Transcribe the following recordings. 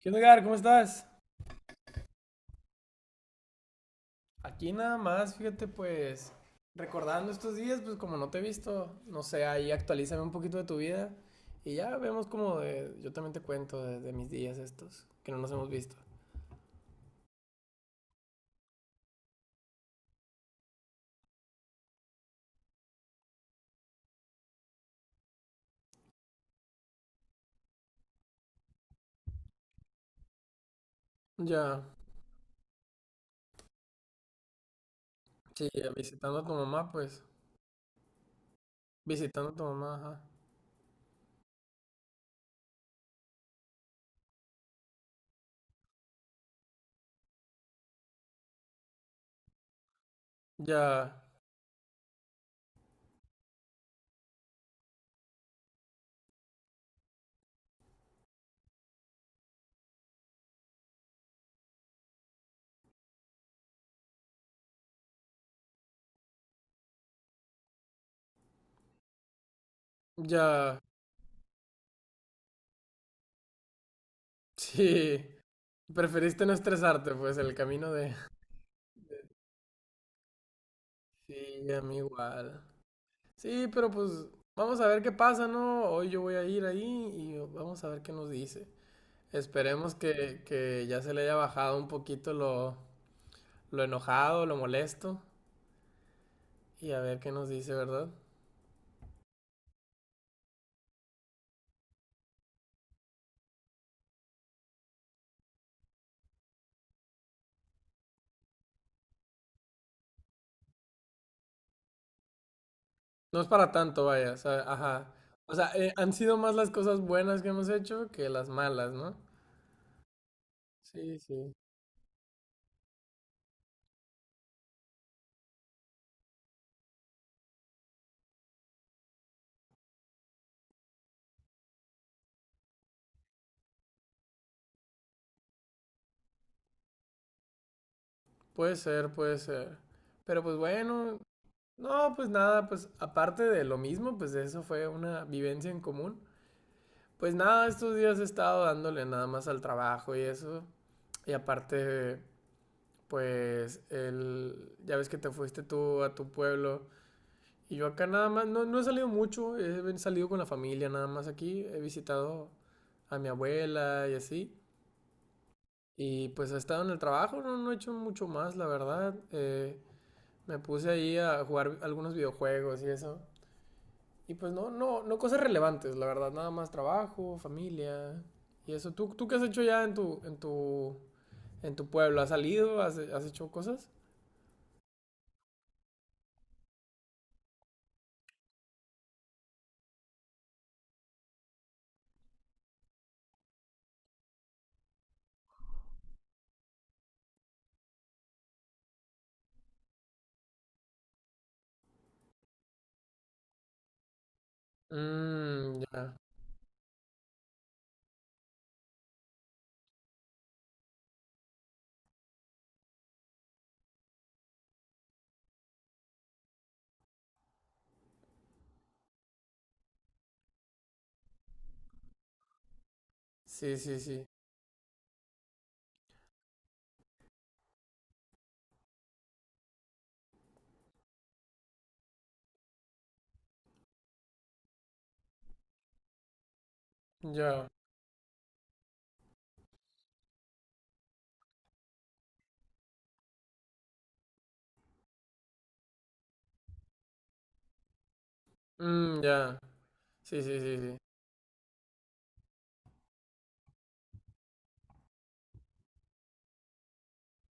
¿Qué onda, Edgar? ¿Cómo estás? Aquí nada más, fíjate, pues, recordando estos días, pues como no te he visto, no sé, ahí actualízame un poquito de tu vida y ya vemos yo también te cuento de mis días estos, que no nos hemos visto. Ya, sí, visitando a tu mamá, pues, visitando a tu mamá, ajá. Ya, ya, sí, preferiste no estresarte, pues, el camino de. Sí, a mí igual. Sí, pero pues, vamos a ver qué pasa, ¿no? Hoy yo voy a ir ahí y vamos a ver qué nos dice. Esperemos que ya se le haya bajado un poquito lo enojado, lo molesto y a ver qué nos dice, ¿verdad? No es para tanto, vaya, o sea, ajá. O sea, han sido más las cosas buenas que hemos hecho que las malas, ¿no? Sí, sí. Puede ser, puede ser. Pero pues bueno, no, pues nada, pues aparte de lo mismo, pues eso fue una vivencia en común. Pues nada, estos días he estado dándole nada más al trabajo y eso. Y aparte pues ya ves que te fuiste tú a tu pueblo y yo acá nada más, no, no he salido mucho, he salido con la familia nada más aquí, he visitado a mi abuela y así. Y pues he estado en el trabajo, no, no he hecho mucho más, la verdad. Me puse ahí a jugar algunos videojuegos y eso. Y pues no, no, no cosas relevantes, la verdad, nada más trabajo, familia y eso. ¿Tú qué has hecho ya en tu pueblo? ¿Has salido? ¿Has hecho cosas? Mmm, ya. Sí, sí, sí. Ya. Mm, ya. Sí, sí, sí, sí.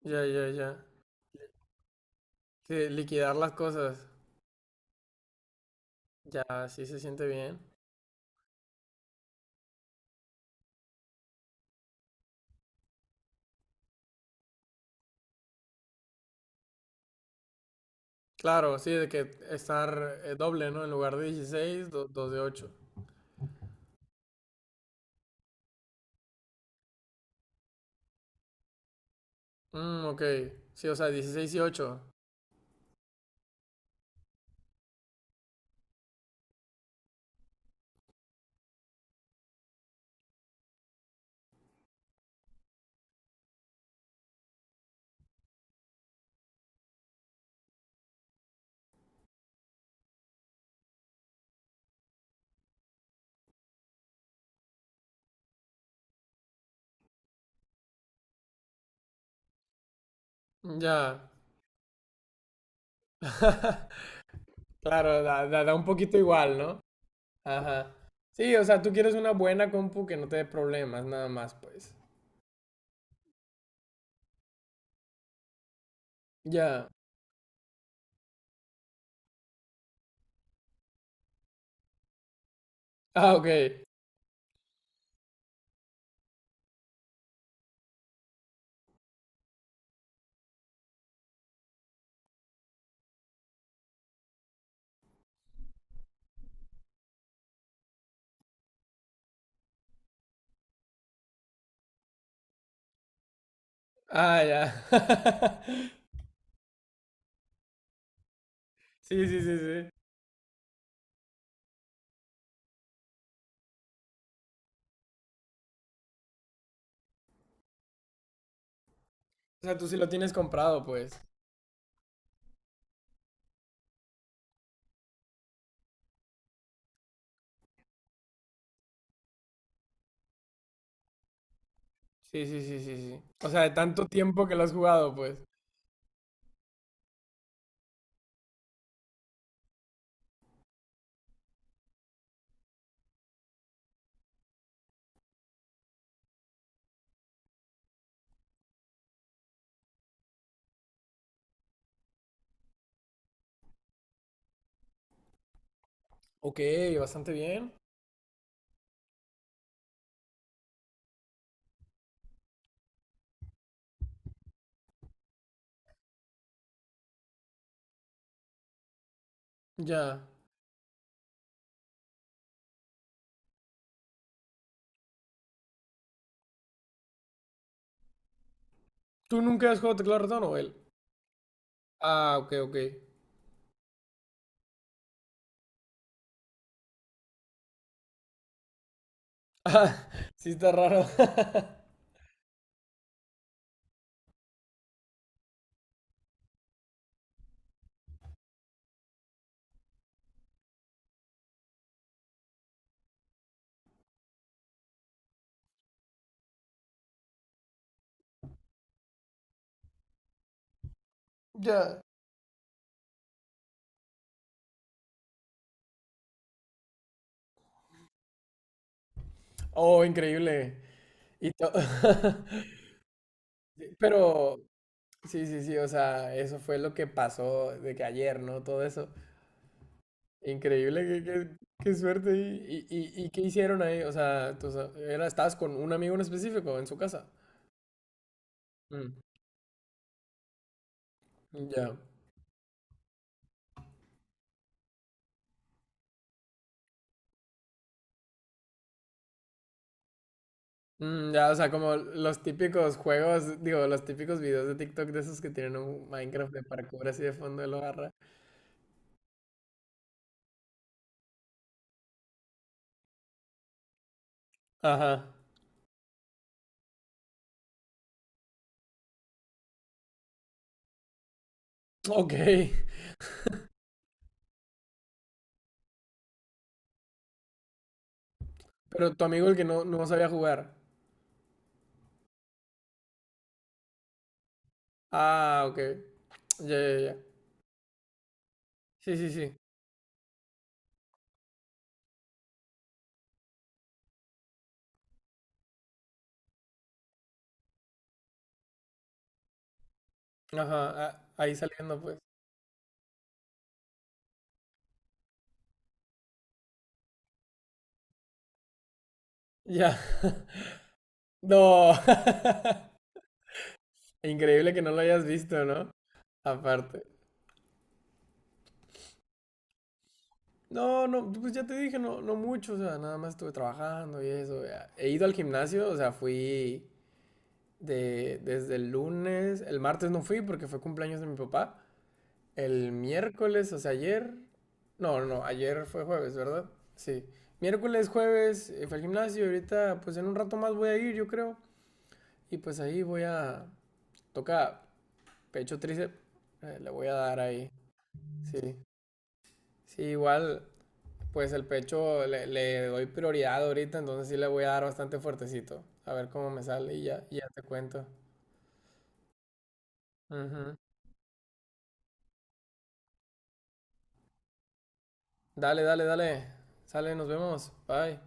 Ya, ya, ya. Sí, liquidar las cosas. Ya, sí se siente bien. Claro, sí, de que estar doble, ¿no? En lugar de 16 2 de ocho. Mm, ok. Sí, o sea, 16 y ocho. Ya. Claro, da, da, da un poquito igual, ¿no? Ajá. Sí, o sea, tú quieres una buena compu que no te dé problemas, nada más, pues. Ya. Ah, ok. Ah, ya. Sí, sí, sí, sí. O sea, tú sí lo tienes comprado, pues. Sí, sí, sí, sí, sí. O sea, de tanto tiempo que lo has jugado, pues. Ok, bastante bien. Ya. ¿Tú nunca has jugado teclado ratón o él? Ah, ok, ok. Ah, sí está raro. Ya. Oh, increíble. Y to- Sí, pero, sí, sí, sí, o sea, eso fue lo que pasó de que ayer, ¿no? Todo eso. Increíble, qué suerte. ¿Y qué hicieron ahí? O sea, era, ¿estabas con un amigo en específico en su casa? Ya. Ya, o sea, como los típicos juegos, digo, los típicos videos de TikTok de esos que tienen un Minecraft de parkour así de fondo de lo agarra. Ajá. Ok. Pero tu amigo el que no, no sabía jugar. Ah, ok. Ya, ya, ya. Sí, sí, sí. Ajá. Ahí saliendo, pues. Ya. No. Increíble que no lo hayas visto, ¿no? Aparte. No, no, pues ya te dije, no, no mucho, o sea, nada más estuve trabajando y eso. Ya. He ido al gimnasio, o sea, fui. Desde el lunes, el martes no fui porque fue cumpleaños de mi papá. El miércoles, o sea, ayer, no, no, ayer fue jueves, ¿verdad? Sí. Miércoles, jueves, fue al gimnasio y ahorita, pues en un rato más voy a ir, yo creo. Y pues ahí toca pecho tríceps, le voy a dar ahí. Sí. Sí, igual, pues el pecho le doy prioridad ahorita, entonces sí le voy a dar bastante fuertecito. A ver cómo me sale y ya te cuento. Ujú. Dale, dale, dale. Sale, nos vemos. Bye.